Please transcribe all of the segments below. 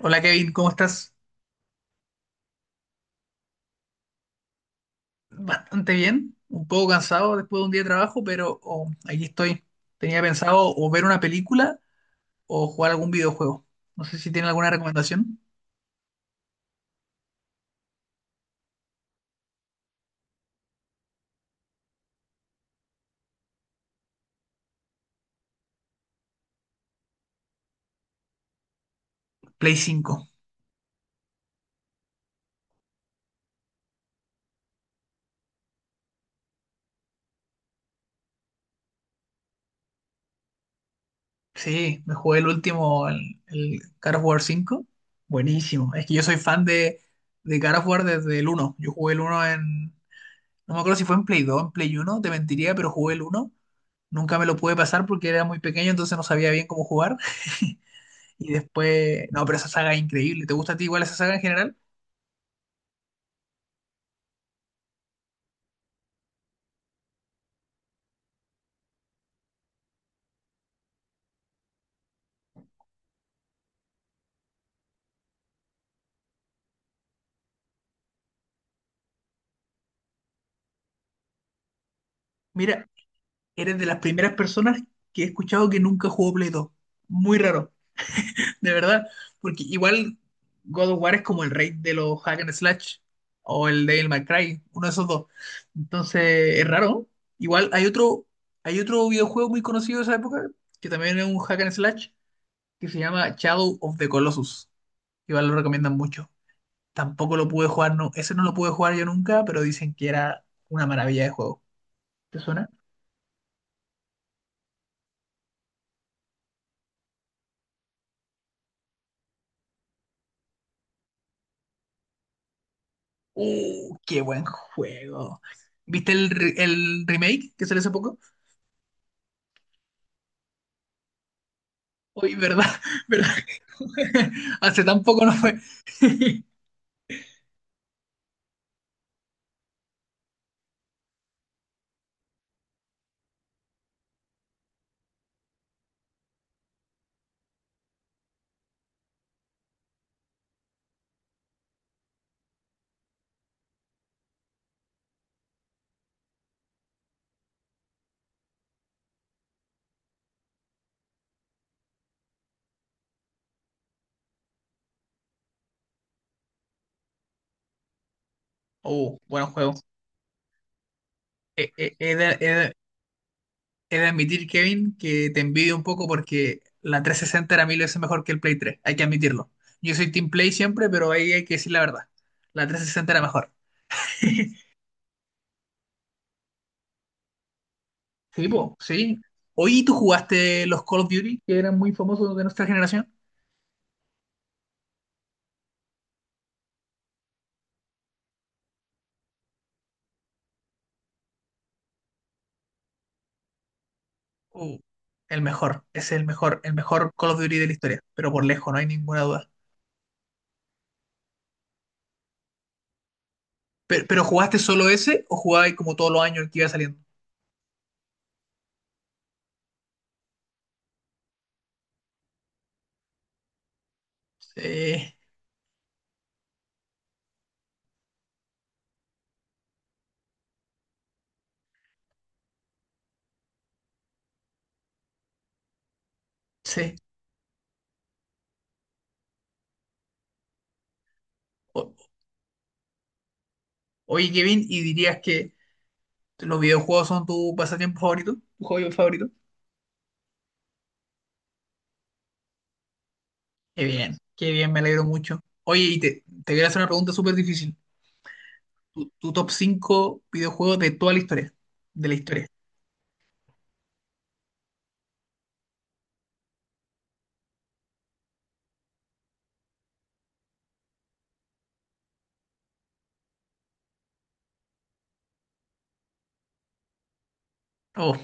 Hola Kevin, ¿cómo estás? Bastante bien, un poco cansado después de un día de trabajo, pero aquí estoy. Tenía pensado o ver una película o jugar algún videojuego. No sé si tiene alguna recomendación. Play cinco. Sí, me jugué el último, el God of War 5. Buenísimo. Es que yo soy fan de God of War desde el uno. Yo jugué el uno en... No me acuerdo si fue en Play 2, en Play uno. Te mentiría, pero jugué el uno. Nunca me lo pude pasar porque era muy pequeño, entonces no sabía bien cómo jugar. Y después, no, pero esa saga es increíble. ¿Te gusta a ti igual esa saga en general? Mira, eres de las primeras personas que he escuchado que nunca jugó Play 2. Muy raro, de verdad. Porque igual God of War es como el rey de los hack and slash o el Devil May Cry, uno de esos dos. Entonces, es raro. Igual hay otro videojuego muy conocido de esa época que también es un hack and slash que se llama Shadow of the Colossus. Igual lo recomiendan mucho. Tampoco lo pude jugar, no, ese no lo pude jugar yo nunca, pero dicen que era una maravilla de juego. ¿Te suena? ¡Uh, qué buen juego! ¿Viste el, el remake que salió hace poco? Uy, ¿verdad? ¿Verdad? Hace tan poco no fue. ¡Uh, buen juego! He, he- he de, he de- he de admitir, Kevin, que te envidio un poco porque la 360 era mil veces mejor que el Play 3, hay que admitirlo. Yo soy Team Play siempre, pero ahí hay que decir la verdad. La 360 era mejor. Sí, po, sí. Oye, ¿tú jugaste los Call of Duty, que eran muy famosos de nuestra generación? Uh, el mejor, es el mejor Call of Duty de la historia, pero por lejos, no hay ninguna duda. Pero ¿jugaste solo ese o jugabas como todos los años el que iba saliendo? Sí, sí. O- oye, Kevin, ¿y dirías que los videojuegos son tu pasatiempo favorito? ¿Tu hobby favorito? Qué bien, me alegro mucho. Oye, y te voy a hacer una pregunta súper difícil. Tu top 5 videojuegos de toda la historia, de la historia. Oh,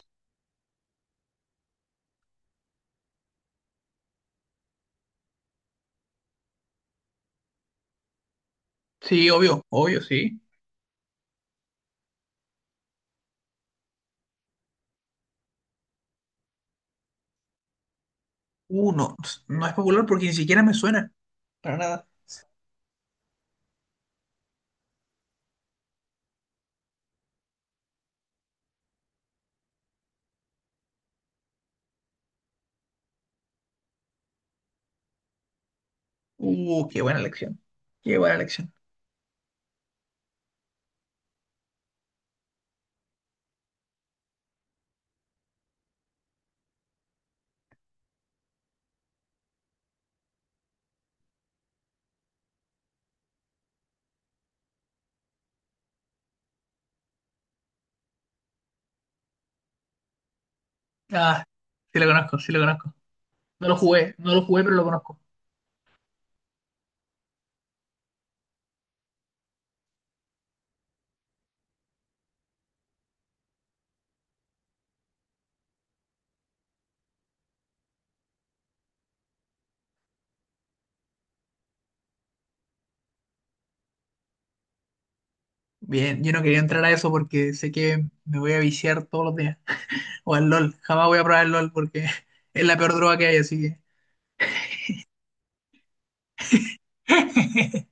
sí, obvio, obvio, sí. No, no es popular porque ni siquiera me suena. Para nada. Qué buena elección. Qué buena elección. Ah, sí lo conozco, sí lo conozco. No lo jugué, no lo jugué, pero lo conozco. Bien, yo no quería entrar a eso porque sé que me voy a viciar todos los días. O al LOL. Jamás voy a probar el LOL porque es la peor droga que hay, así que.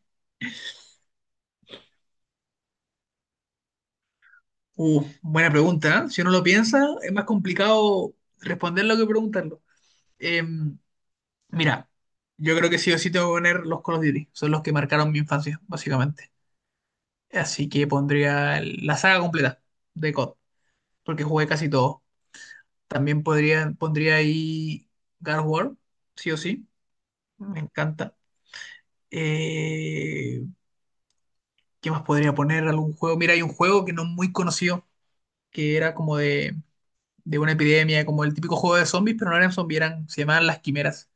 Buena pregunta. ¿Eh? Si uno lo piensa, es más complicado responderlo que preguntarlo. Eh, Mira, yo creo que sí o sí tengo que poner los Call of Duty. Son los que marcaron mi infancia, básicamente. Así que pondría la saga completa de COD, porque jugué casi todo. También podría, pondría ahí God of War, sí o sí. Me encanta. Eh, ¿Qué más podría poner? ¿Algún juego? Mira, hay un juego que no es muy conocido, que era como de una epidemia, como el típico juego de zombies, pero no eran zombies, eran, se llamaban las quimeras.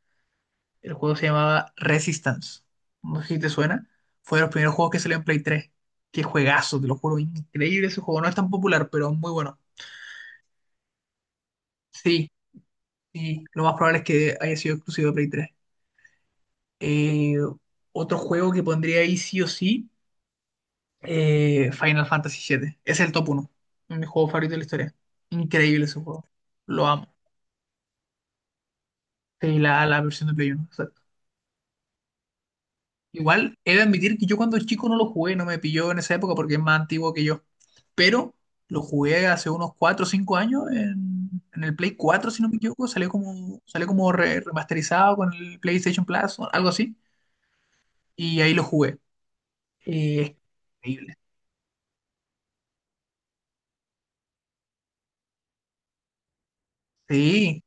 El juego se llamaba Resistance. No sé si te suena. Fue de los primeros juegos que salió en Play 3. Qué juegazo, te lo juro. Increíble ese juego. No es tan popular, pero muy bueno. Sí, sí. Lo más probable es que haya sido exclusivo de Play 3. Eh, otro juego que pondría ahí sí o sí, Final Fantasy VII. Ese es el top uno. Mi juego favorito de la historia. Increíble ese juego. Lo amo. Sí, la versión de Play 1. Igual he de admitir que yo cuando chico no lo jugué, no me pilló en esa época porque es más antiguo que yo. Pero lo jugué hace unos 4 o 5 años en el Play 4, si no me equivoco. Salió como remasterizado con el PlayStation Plus o algo así. Y ahí lo jugué. Eh, increíble. Sí,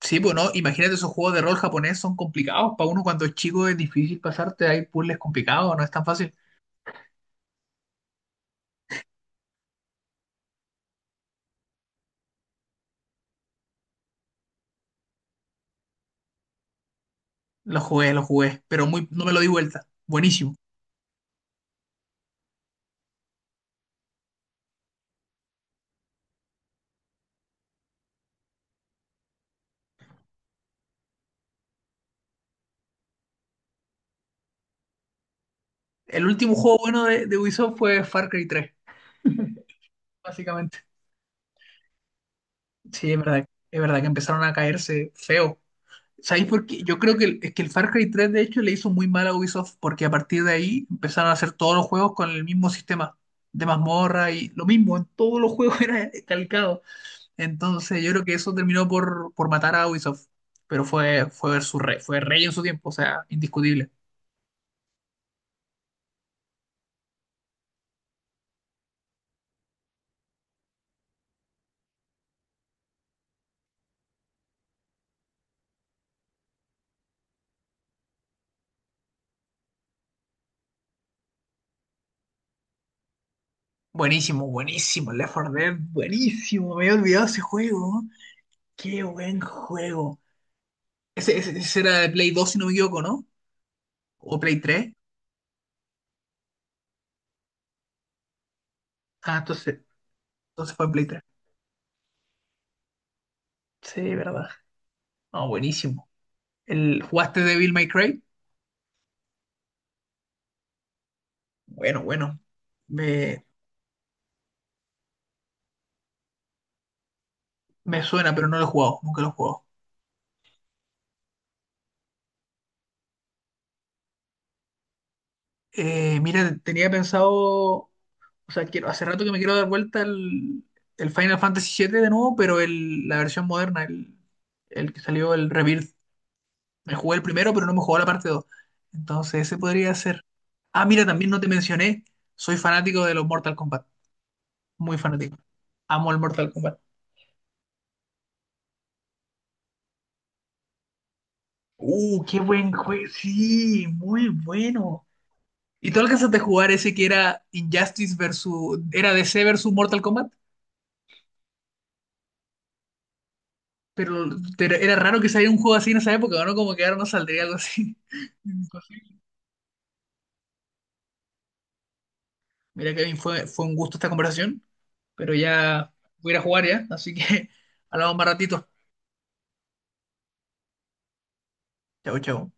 sí, bueno, imagínate esos juegos de rol japonés son complicados. Para uno cuando es chico es difícil pasarte, hay puzzles complicados, no es tan fácil. Lo jugué, pero muy, no me lo di vuelta. Buenísimo. El último juego bueno de Ubisoft fue Far Cry 3, básicamente. Sí, es verdad que empezaron a caerse feo. ¿Sabéis por qué? Yo creo que el, es que el Far Cry 3 de hecho le hizo muy mal a Ubisoft porque a partir de ahí empezaron a hacer todos los juegos con el mismo sistema de mazmorra y lo mismo, en todos los juegos era calcado. Entonces yo creo que eso terminó por matar a Ubisoft, pero fue, fue, su rey, fue rey en su tiempo, o sea, indiscutible. Buenísimo, buenísimo, Left 4 Dead, buenísimo, me había olvidado ese juego. Qué buen juego. Ese, ese era de Play 2 si no me equivoco, ¿no? ¿O Play tres? Ah, entonces, entonces fue en Play 3. Sí, verdad. No, buenísimo. ¿El, jugaste Devil May Cry? Bueno, bueno. Me, me suena, pero no lo he jugado. Nunca lo he jugado. Mira, tenía pensado. O sea, quiero, hace rato que me quiero dar vuelta el Final Fantasy siete de nuevo, pero el, la versión moderna, el que salió, el Rebirth. Me jugué el primero, pero no me jugó la parte dos. Entonces, ese podría ser. Ah, mira, también no te mencioné. Soy fanático de los Mortal Kombat. Muy fanático. Amo el Mortal Kombat. Qué buen juego. Sí, muy bueno. ¿Y tú alcanzaste a jugar ese que era Injustice versus? ¿Era DC versus Mortal Kombat? Pero pero era raro que saliera un juego así en esa época, ¿no? Como que ahora no saldría algo así. Imposible. Mira, Kevin, fue, fue un gusto esta conversación, pero ya voy a ir a jugar ya, así que hablamos más ratito. Chau, chau.